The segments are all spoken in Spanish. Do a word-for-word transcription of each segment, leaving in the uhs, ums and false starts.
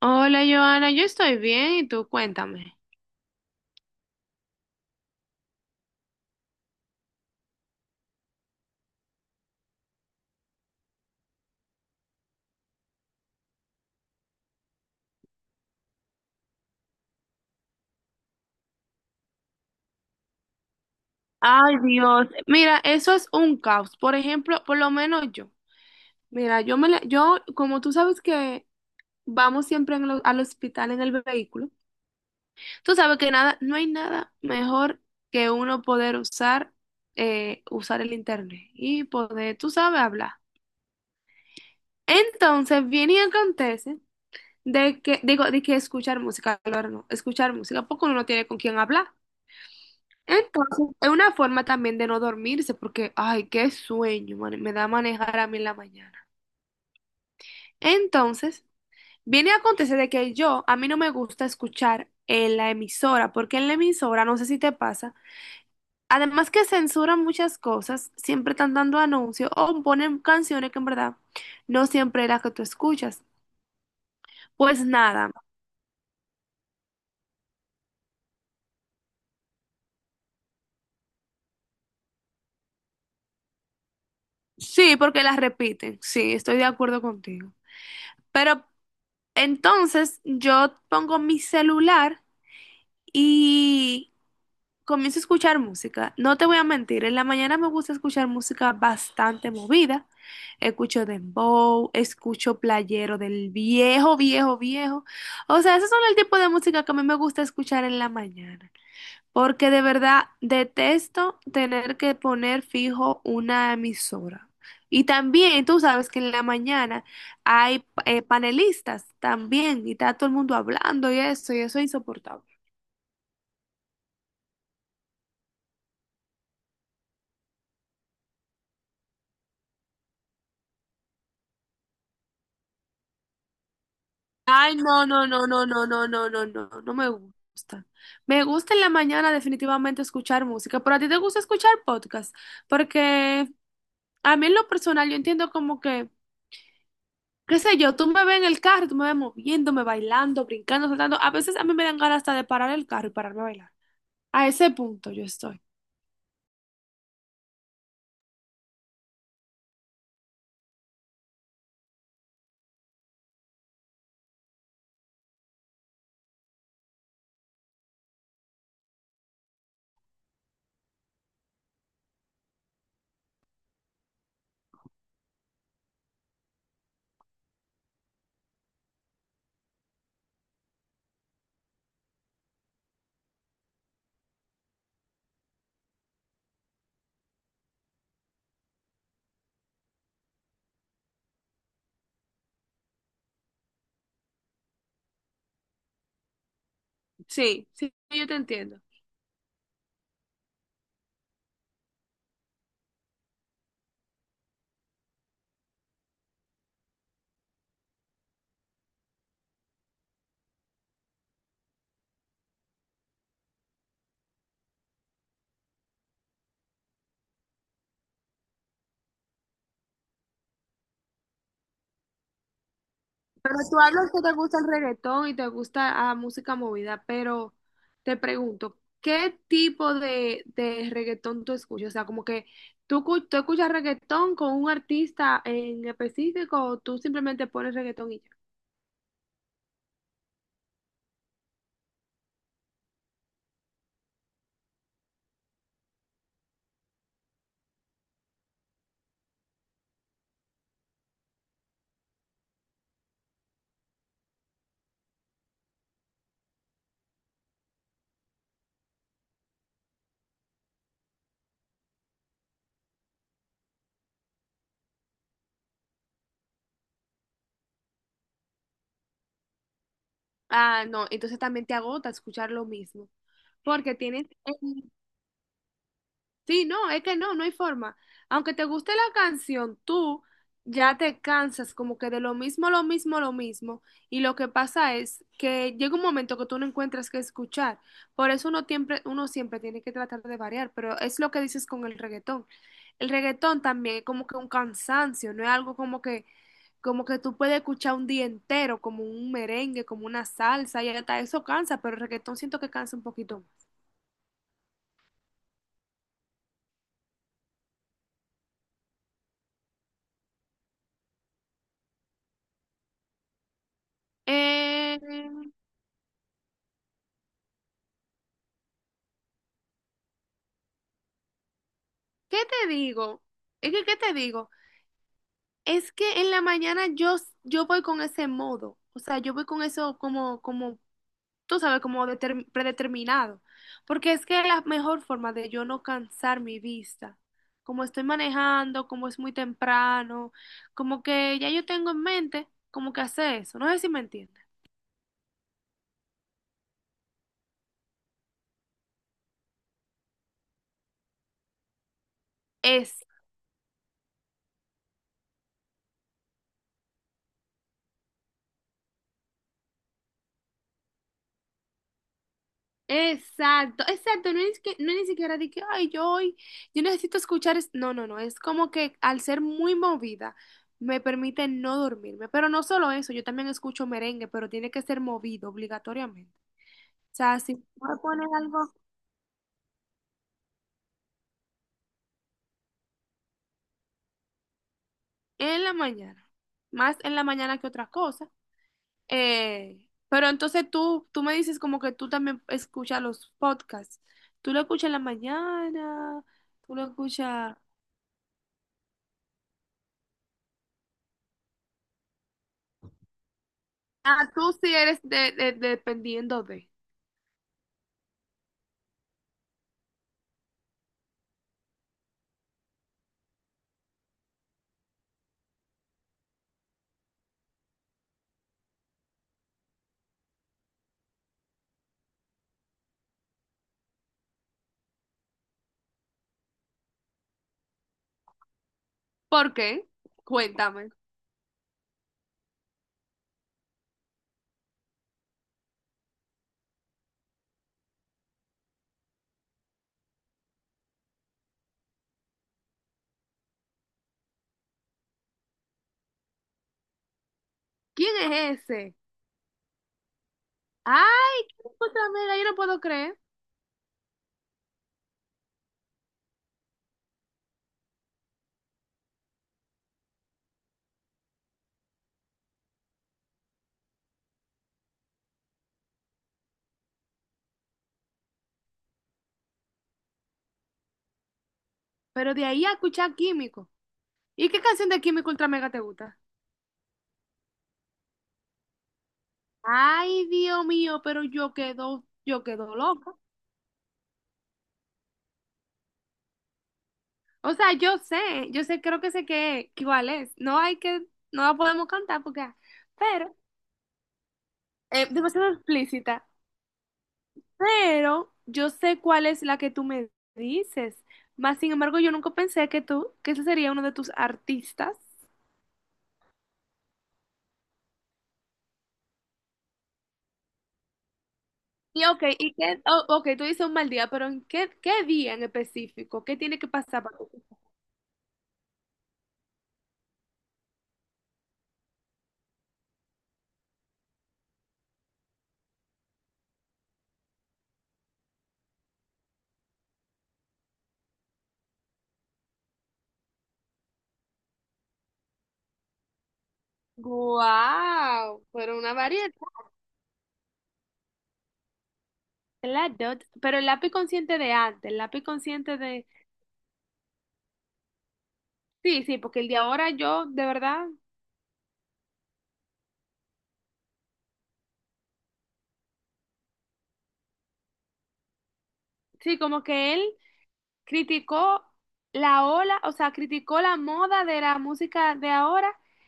Hola, Joana, yo estoy bien y tú cuéntame. Ay, Dios. Mira, eso es un caos. Por ejemplo, por lo menos yo. Mira, yo me la- yo, como tú sabes que vamos siempre en lo- al hospital en el vehículo, tú sabes que nada, no hay nada mejor que uno poder usar, eh, usar el internet y poder, tú sabes, hablar. Entonces, viene y acontece de que, digo, de que escuchar música, claro, no, escuchar música, porque uno no tiene con quién hablar. Entonces, es una forma también de no dormirse, porque, ay, qué sueño, mane- me da manejar a mí en la mañana. Entonces, viene a acontecer de que yo, a mí no me gusta escuchar en la emisora, porque en la emisora, no sé si te pasa, además que censuran muchas cosas, siempre están dando anuncios o ponen canciones que en verdad no siempre es la que tú escuchas. Pues nada, sí, porque las repiten, sí, estoy de acuerdo contigo. Pero entonces yo pongo mi celular. Y comienzo a escuchar música. No te voy a mentir, en la mañana me gusta escuchar música bastante movida. Escucho dembow, escucho playero del viejo, viejo, viejo. O sea, esos son el tipo de música que a mí me gusta escuchar en la mañana. Porque de verdad detesto tener que poner fijo una emisora. Y también tú sabes que en la mañana hay eh, panelistas también y está todo el mundo hablando y eso, y eso es insoportable. Ay, no, no, no, no, no, no, no, no, no, no me gusta. Me gusta en la mañana definitivamente escuchar música, pero a ti te gusta escuchar podcast, porque a mí en lo personal yo entiendo como que, qué sé yo, tú me ves en el carro, tú me ves moviéndome, bailando, brincando, saltando. A veces a mí me dan ganas hasta de parar el carro y pararme a bailar. A ese punto yo estoy. Sí, sí, yo te entiendo. Pero tú hablas que te gusta el reggaetón y te gusta la música movida, pero te pregunto, ¿qué tipo de, de reggaetón tú escuchas? O sea, como que tú, cu- tú escuchas reggaetón con un artista en específico o tú simplemente pones reggaetón y ya. Ah, no, entonces también te agota escuchar lo mismo, porque tienes. Sí, no, es que no, no hay forma. Aunque te guste la canción, tú ya te cansas como que de lo mismo, lo mismo, lo mismo. Y lo que pasa es que llega un momento que tú no encuentras qué escuchar. Por eso uno siempre, uno siempre tiene que tratar de variar, pero es lo que dices con el reggaetón. El reggaetón también es como que un cansancio, no es algo como que, como que tú puedes escuchar un día entero, como un merengue, como una salsa, y hasta eso cansa, pero el reggaetón siento que cansa un poquito más. Eh, ¿Qué te digo? Es que, ¿qué te digo? Es que en la mañana yo, s- yo voy con ese modo, o sea, yo voy con eso como, como, tú sabes, como determ- predeterminado, porque es que es la mejor forma de yo no cansar mi vista, como estoy manejando, como es muy temprano, como que ya yo tengo en mente como que hacer eso, no sé si me entiendes. Exacto, exacto, no es que no es ni siquiera de que, ay, yo hoy, yo necesito escuchar, es-". no, no, no, es como que al ser muy movida me permite no dormirme, pero no solo eso, yo también escucho merengue, pero tiene que ser movido obligatoriamente. O sea, si voy a poner algo en la mañana, más en la mañana que otra cosa, eh, pero entonces tú, tú me dices como que tú también escuchas los podcasts, tú lo escuchas en la mañana, tú lo escuchas... Ah, tú sí eres de, de- dependiendo de. ¿Por qué? Cuéntame. ¿Quién es ese? Ay, qué ultra mega, yo no puedo creer. Pero de ahí a escuchar Químico. ¿Y qué canción de Químico ultra mega te gusta? Ay, Dios mío, pero yo quedo, yo quedo loca. O sea, yo sé, yo sé, creo que sé que, que cuál es. No hay que, no la podemos cantar porque, ah, pero, eh, demasiado explícita. Pero yo sé cuál es la que tú me dices. Más sin embargo, yo nunca pensé que tú, que ese sería uno de tus artistas. Y ok, y qué, oh, ok, tú dices un mal día, pero ¿en qué, qué día en específico? ¿Qué tiene que pasar para que guau, pero una variedad? Claro, pero el lápiz consciente de antes, el lápiz consciente de... Sí, sí, porque el de ahora yo, de verdad, sí, como que él criticó la ola, o sea, criticó la moda de la música de ahora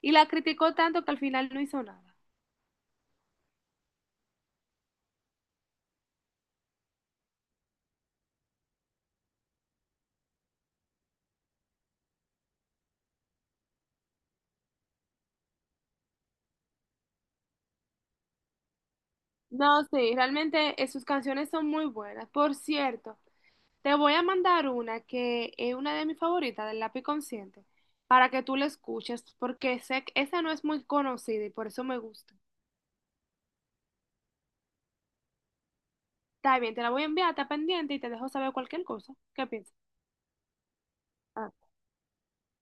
y la criticó tanto que al final no hizo nada. No, sí, realmente eh, sus canciones son muy buenas. Por cierto, te voy a mandar una que es una de mis favoritas del Lápiz Consciente para que tú la escuches porque sé que esa no es muy conocida y por eso me gusta. Está bien, te la voy a enviar, está pendiente y te dejo saber cualquier cosa. ¿Qué piensas? Ah.